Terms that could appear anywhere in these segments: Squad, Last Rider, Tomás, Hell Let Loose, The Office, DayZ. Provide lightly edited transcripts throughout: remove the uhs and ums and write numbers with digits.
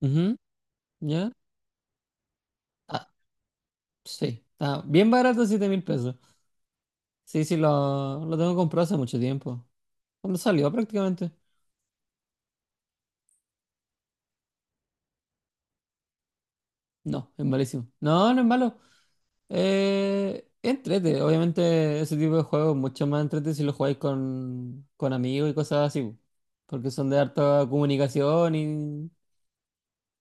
Ujú. ¿Ya? Ah, sí, está bien barato, 7.000 pesos. Sí, sí, lo tengo comprado hace mucho tiempo. Cuando salió prácticamente. No, es malísimo. No, no es malo. Es entrete. Obviamente ese tipo de juegos es mucho más entrete si lo jugáis con amigos y cosas así, po. Porque son de harta comunicación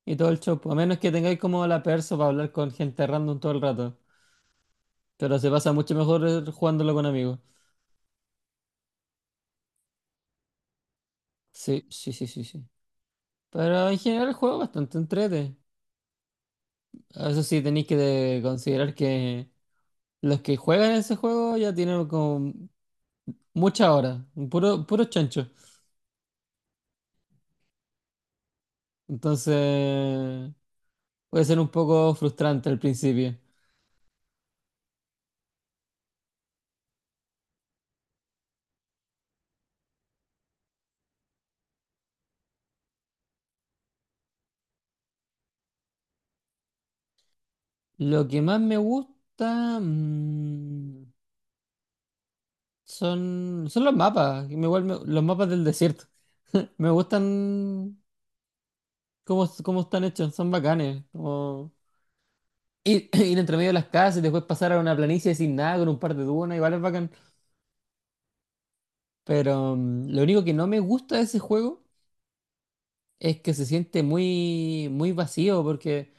y todo el show, po. A menos que tengáis como la perso para hablar con gente random todo el rato. Pero se pasa mucho mejor jugándolo con amigos. Sí, sí, sí, sí, sí. Pero en general el juego es bastante entrete. Eso sí, tenéis que considerar que los que juegan ese juego ya tienen como muchas horas, puro, puro chancho. Entonces puede ser un poco frustrante al principio. Lo que más me gusta, son, son los mapas, los mapas del desierto. Me gustan cómo, cómo están hechos, son bacanes. Ir, ir entre medio de las casas y después pasar a una planicie sin nada con un par de dunas, igual es bacán. Pero lo único que no me gusta de ese juego es que se siente muy, muy vacío porque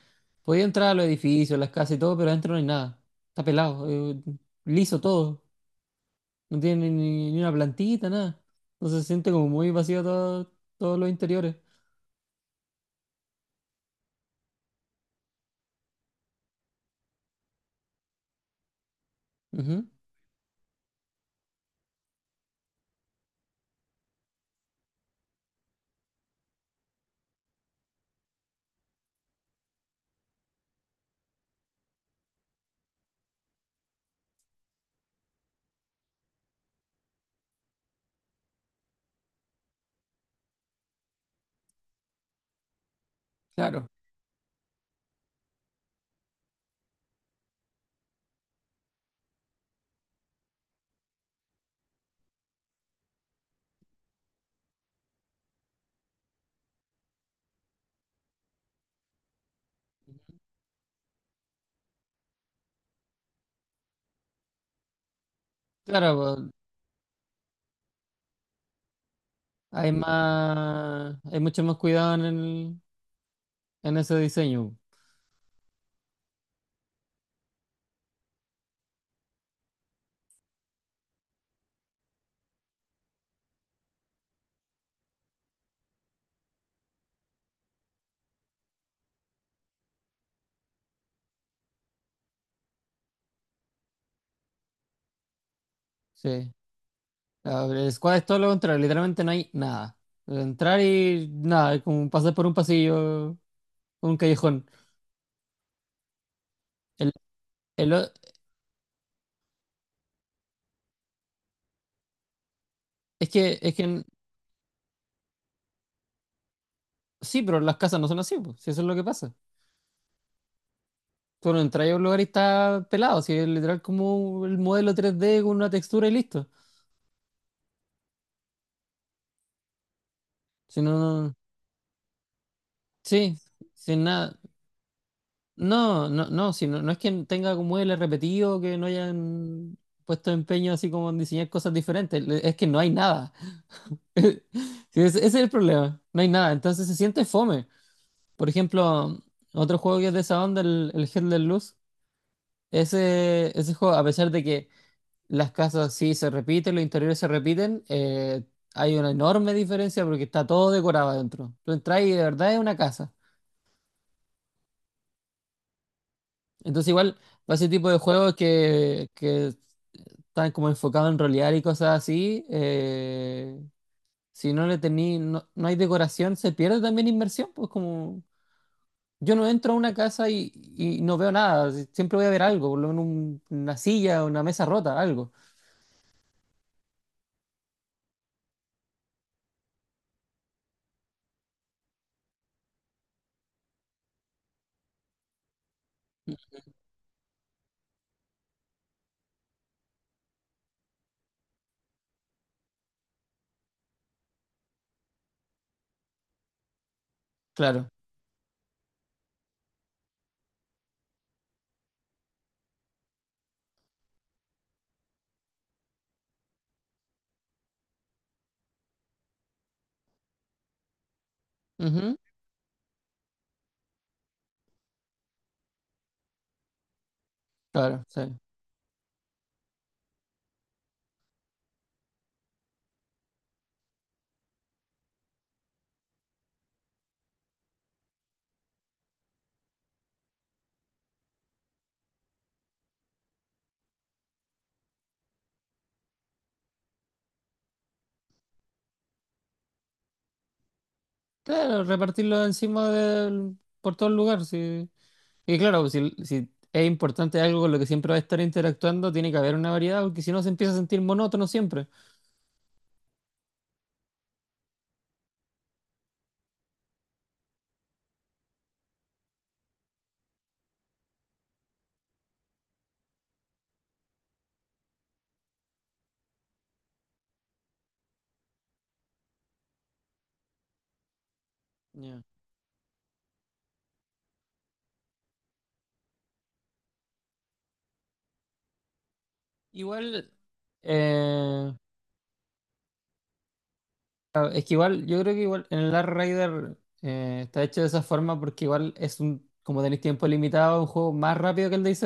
podía entrar a los edificios, las casas y todo, pero adentro no hay nada. Está pelado, liso todo. No tiene ni, ni una plantita, nada. Entonces se siente como muy vacío todo, todos los interiores. Ujú. Claro, claro, pues, hay más, hay mucho más cuidado en el, en ese diseño. Sí. A ver, el squad es todo lo contrario, literalmente no hay nada. Entrar y nada, es como pasar por un pasillo, un callejón. El, el o- es que, sí, pero las casas no son así, pues, si eso es lo que pasa. Tú no entras a un lugar y está pelado, si es literal como el modelo 3D con una textura y listo. Si no, no- sí, sin nada. No, no, no, si no, no es que tenga como el repetido, que no hayan puesto empeño así como en diseñar cosas diferentes, es que no hay nada. Sí, ese es el problema. No hay nada. Entonces se siente fome. Por ejemplo, otro juego que es de esa onda, el Hell Let Loose, ese juego, a pesar de que las casas sí se repiten, los interiores se repiten, hay una enorme diferencia porque está todo decorado adentro. Tú entras y de verdad es una casa. Entonces igual, para ese tipo de juegos que están como enfocados en rolear y cosas así, si no le tení, no, no hay decoración, se pierde también inmersión, pues como... Yo no entro a una casa y no veo nada. Siempre voy a ver algo, por lo menos una silla, una mesa rota, algo. Claro. Ujú. Claro, sí. Claro, repartirlo encima del, por todo el lugar, sí. Y claro, si, si es importante algo con lo que siempre va a estar interactuando, tiene que haber una variedad, porque si no se empieza a sentir monótono siempre. Ya. Igual, eh, claro, es que igual, yo creo que igual en el Last Rider está hecho de esa forma porque igual es un, como tenéis tiempo limitado, un juego más rápido que el DayZ.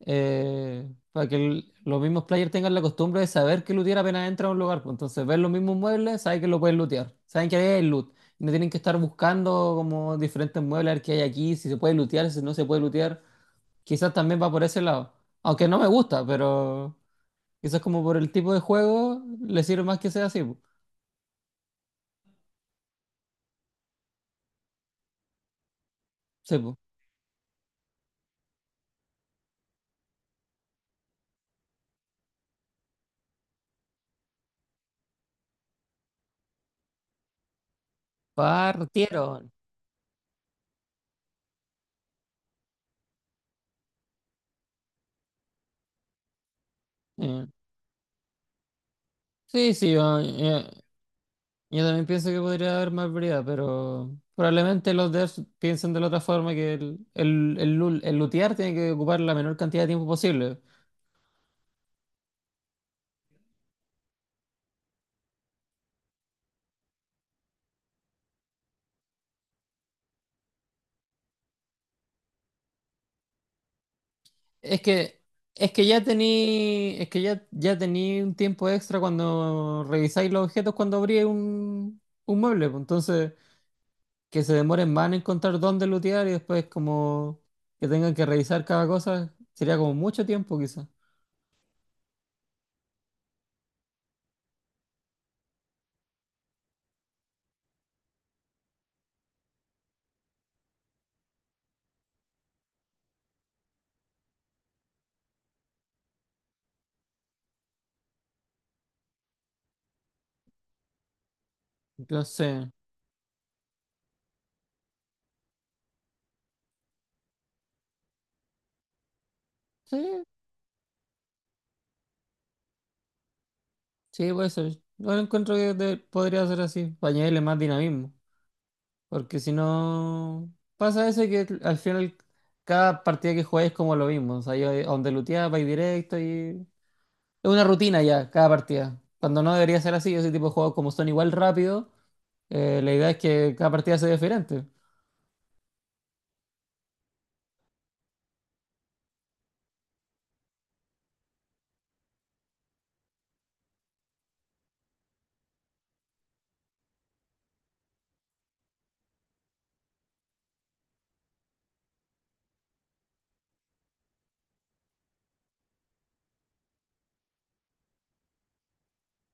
Para que los mismos players tengan la costumbre de saber que lootear apenas entra a un lugar, pues. Entonces, ven los mismos muebles, saben que lo pueden lootear, saben que ahí hay loot. Y no tienen que estar buscando como diferentes muebles, a ver qué hay aquí, si se puede lootear, si no se puede lootear. Quizás también va por ese lado. Aunque no me gusta, pero quizás como por el tipo de juego, le sirve más que sea así, pues. Sí, pues. Partieron. Eh, sí, sí, yo también pienso que podría haber más variedad, pero probablemente los devs piensen de la otra forma, que el lootear tiene que ocupar la menor cantidad de tiempo posible. Es que, es que ya tení, es que ya, ya tení un tiempo extra cuando revisáis los objetos cuando abrí un mueble, pues. Entonces, que se demoren más en encontrar dónde lootear y después como que tengan que revisar cada cosa, sería como mucho tiempo quizás. Entonces, sí. Sí, puede ser. Yo encuentro que podría ser así, para añadirle más dinamismo. Porque si no, pasa eso, que al final cada partida que juegues es como lo mismo. O sea, yo, a donde luteas, vais directo y... Es una rutina ya, cada partida. Cuando no debería ser así, ese tipo de juegos como son igual rápido, la idea es que cada partida sea diferente.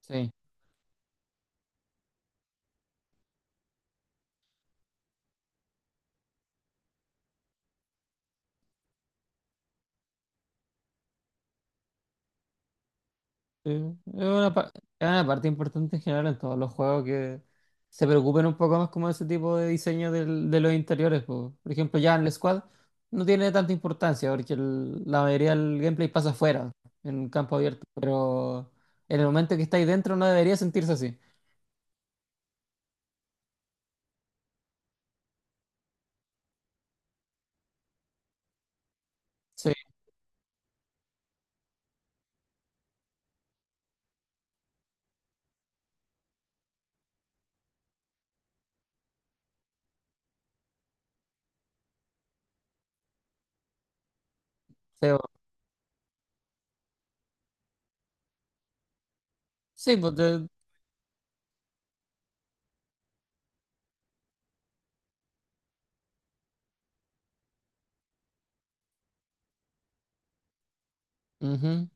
Sí. Sí, es una, es una parte importante en general en todos los juegos que se preocupen un poco más como ese tipo de diseño de los interiores, po. Por ejemplo, ya en el Squad no tiene tanta importancia porque la mayoría del gameplay pasa afuera, en un campo abierto. Pero en el momento que está ahí dentro no debería sentirse así. Sí, feo. Sí, pues, de- ujú.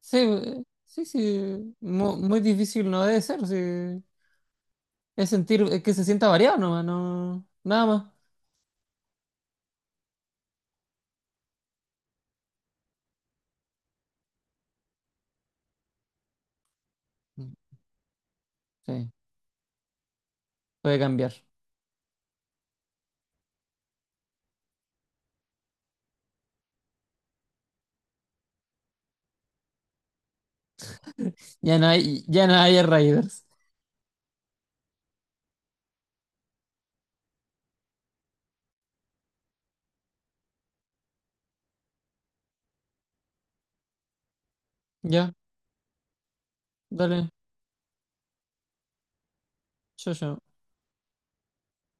Sí, sí, sí. Muy difícil no debe ser, sí. Es sentir, es que se sienta variado nomás, no, nada más. Mm, sí, puede cambiar. Ya no hay Raiders. Ya, dale, yo, yo.